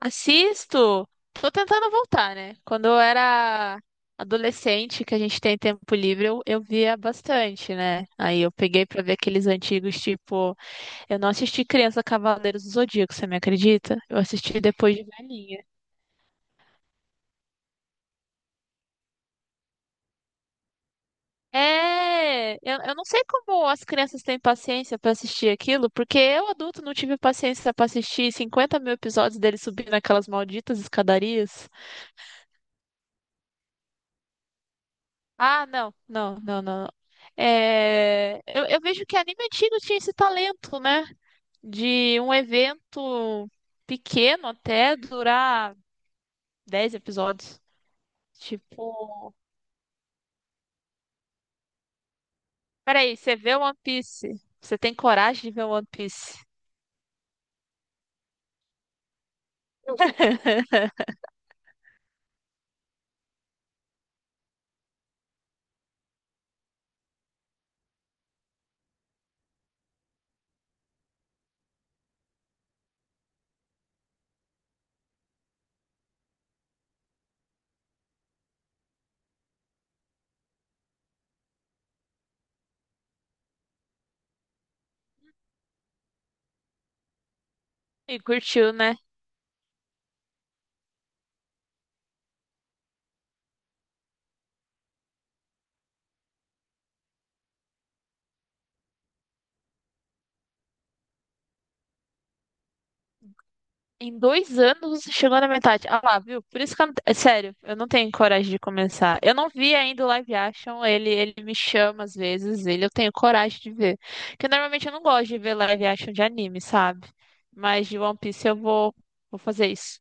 Assisto. Tô tentando voltar, né? Quando eu era adolescente, que a gente tem tempo livre, eu via bastante, né? Aí eu peguei pra ver aqueles antigos, tipo, eu não assisti Criança Cavaleiros do Zodíaco, você me acredita? Eu assisti depois de velhinha. É, eu não sei como as crianças têm paciência pra assistir aquilo, porque eu, adulto, não tive paciência pra assistir 50.000 episódios dele subindo aquelas malditas escadarias. Ah, não, não, não, não, não. É, eu vejo que anime antigo tinha esse talento, né? De um evento pequeno até durar 10 episódios. Tipo, peraí, você vê One Piece? Você tem coragem de ver One Piece? E curtiu, né? Em 2 anos você chegou na metade. Ah lá, viu? Por isso que eu não... é sério, eu não tenho coragem de começar. Eu não vi ainda o live action, ele me chama às vezes, ele eu tenho coragem de ver. Porque normalmente eu não gosto de ver live action de anime, sabe? Mas de One Piece eu vou, vou fazer isso.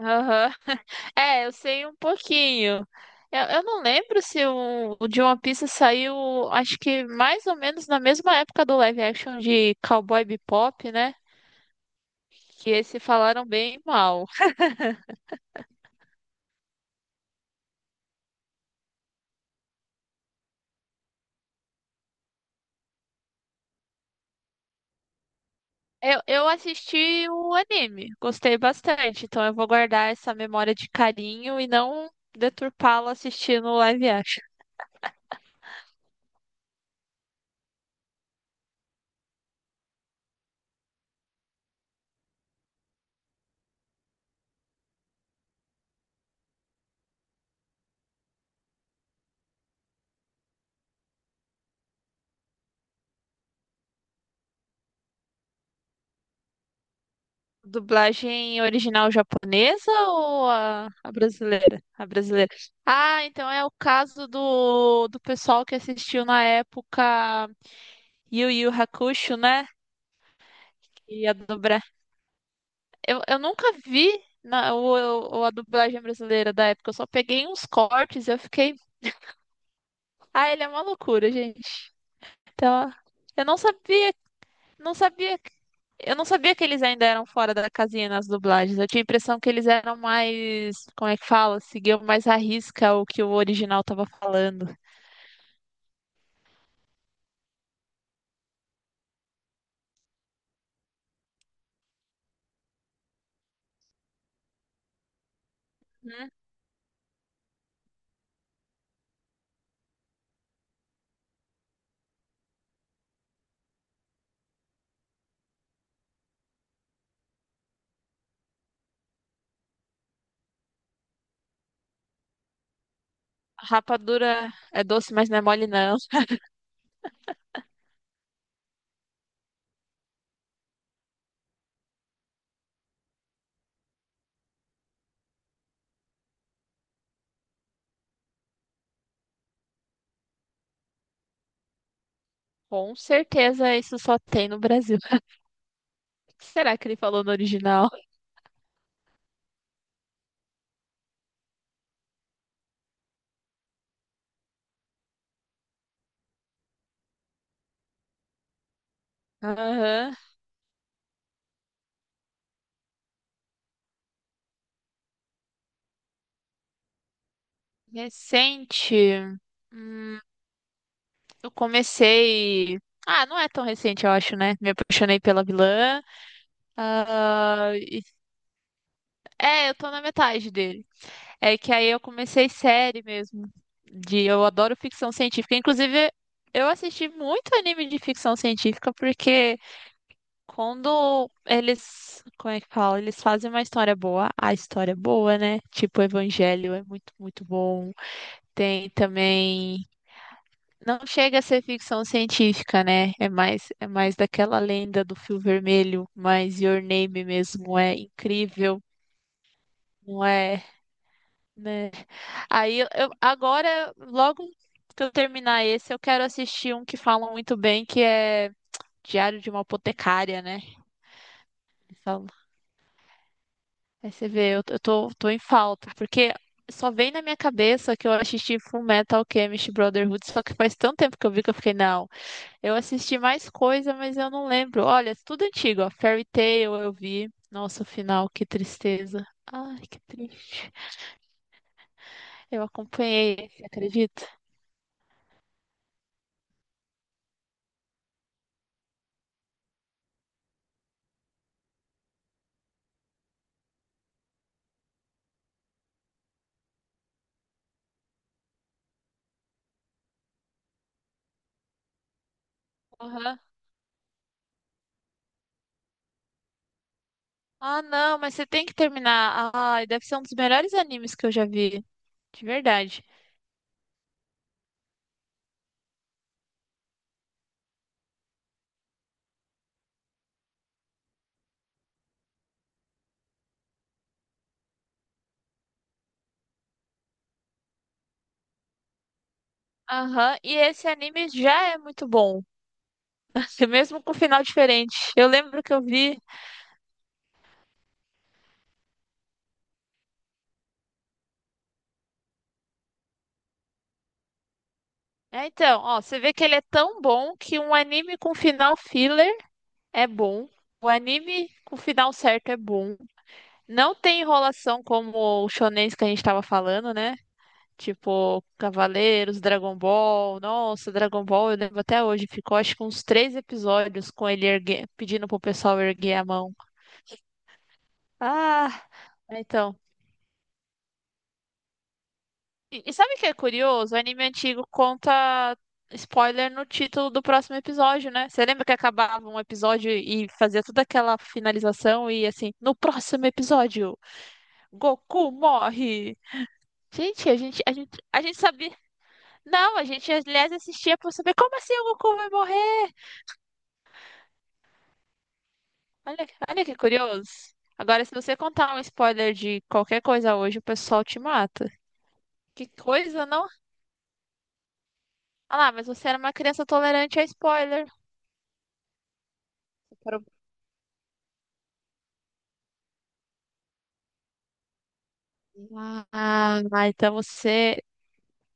Aham. É, eu sei um pouquinho. Eu não lembro se o de One Piece saiu, acho que mais ou menos na mesma época do live action de Cowboy Bebop, né? Que esse falaram bem mal. Eu assisti o anime, gostei bastante, então eu vou guardar essa memória de carinho e não deturpá-la assistindo o live action. Dublagem original japonesa ou a brasileira? A brasileira. Ah, então é o caso do pessoal que assistiu na época Yu Yu Hakusho, né? Que ia dobrar. Eu nunca vi a dublagem brasileira da época, eu só peguei uns cortes e eu fiquei. Ah, ele é uma loucura, gente. Tá. Eu não sabia, não sabia, que- que eles ainda eram fora da casinha nas dublagens. Eu tinha a impressão que eles eram mais, como é que fala? Seguiam mais à risca o que o original tava falando. Hum. Rapadura é doce, mas não é mole, não. Com certeza isso só tem no Brasil. O que será que ele falou no original? Aham. Recente. Hum, eu comecei. Ah, não é tão recente, eu acho, né? Me apaixonei pela vilã. Ah, é, eu tô na metade dele. É que aí eu comecei série mesmo. De, eu adoro ficção científica. Inclusive, eu assisti muito anime de ficção científica porque quando eles, como é que fala? Eles fazem uma história boa, a história é boa, né? Tipo, o Evangelho é muito, muito bom. Tem também. Não chega a ser ficção científica, né? É mais daquela lenda do fio vermelho, mas Your Name mesmo é incrível, não é? Né? Aí agora, logo que eu terminar esse, eu quero assistir um que falam muito bem, que é Diário de uma Apotecária, né? Eles falam. Aí você vê, eu tô em falta, porque só vem na minha cabeça que eu assisti Fullmetal Alchemist Brotherhood, só que faz tanto tempo que eu vi que eu fiquei, não, eu assisti mais coisa, mas eu não lembro. Olha, é tudo antigo, ó, Fairy Tail eu vi. Nossa, o final, que tristeza. Ai, que triste. Eu acompanhei esse, acredita? Aham. Ah, não, mas você tem que terminar. Ai, deve ser um dos melhores animes que eu já vi. De verdade. Aham, e esse anime já é muito bom. Mesmo com final diferente. Eu lembro que eu vi. É, então, ó, você vê que ele é tão bom que um anime com final filler é bom. O anime com final certo é bom. Não tem enrolação como o shonens que a gente tava falando, né? Tipo, Cavaleiros, Dragon Ball. Nossa, Dragon Ball, eu lembro até hoje. Ficou acho que uns 3 episódios com ele pedindo pro pessoal erguer a mão. Ah, então. E sabe o que é curioso? O anime antigo conta spoiler no título do próximo episódio, né? Você lembra que acabava um episódio e fazia toda aquela finalização e assim, no próximo episódio, Goku morre. Gente, a gente sabia. Não, a gente, aliás, assistia pra saber como assim o Goku vai morrer? Olha, olha que curioso. Agora, se você contar um spoiler de qualquer coisa hoje, o pessoal te mata. Que coisa, não? Ah lá, mas você era uma criança tolerante a spoiler. Pro- Ah, ah, então você.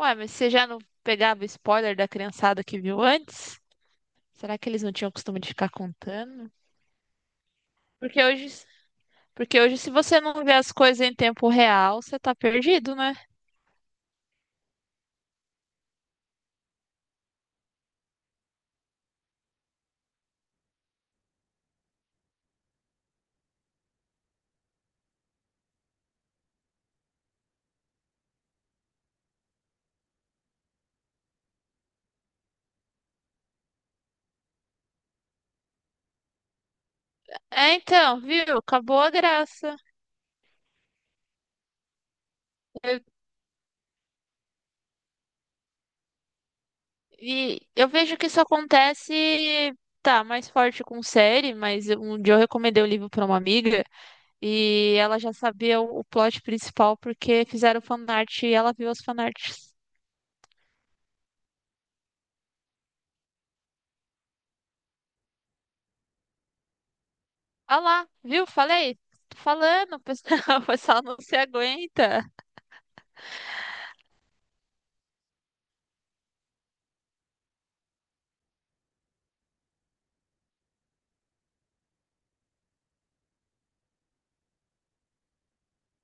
Ué, mas você já não pegava spoiler da criançada que viu antes? Será que eles não tinham costume de ficar contando? Porque hoje, porque hoje, se você não vê as coisas em tempo real, você tá perdido, né? É, então, viu? Acabou a graça. Eu E eu vejo que isso acontece, tá, mais forte com série, mas um dia eu recomendei o livro pra uma amiga e ela já sabia o plot principal porque fizeram fanart e ela viu as fanarts. Ah lá, viu? Falei, tô falando, o pessoal o pessoal não se aguenta.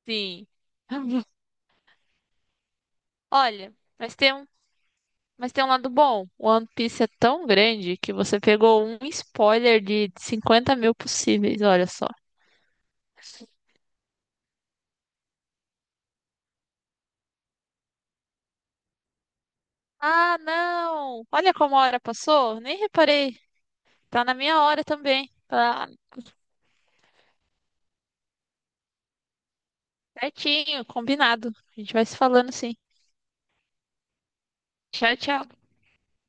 Sim. Olha, mas tem um, mas tem um lado bom. O One Piece é tão grande que você pegou um spoiler de 50 mil possíveis, olha só. Ah, não! Olha como a hora passou, nem reparei. Tá na minha hora também. Tá certinho, combinado. A gente vai se falando sim. Tchau, tchau.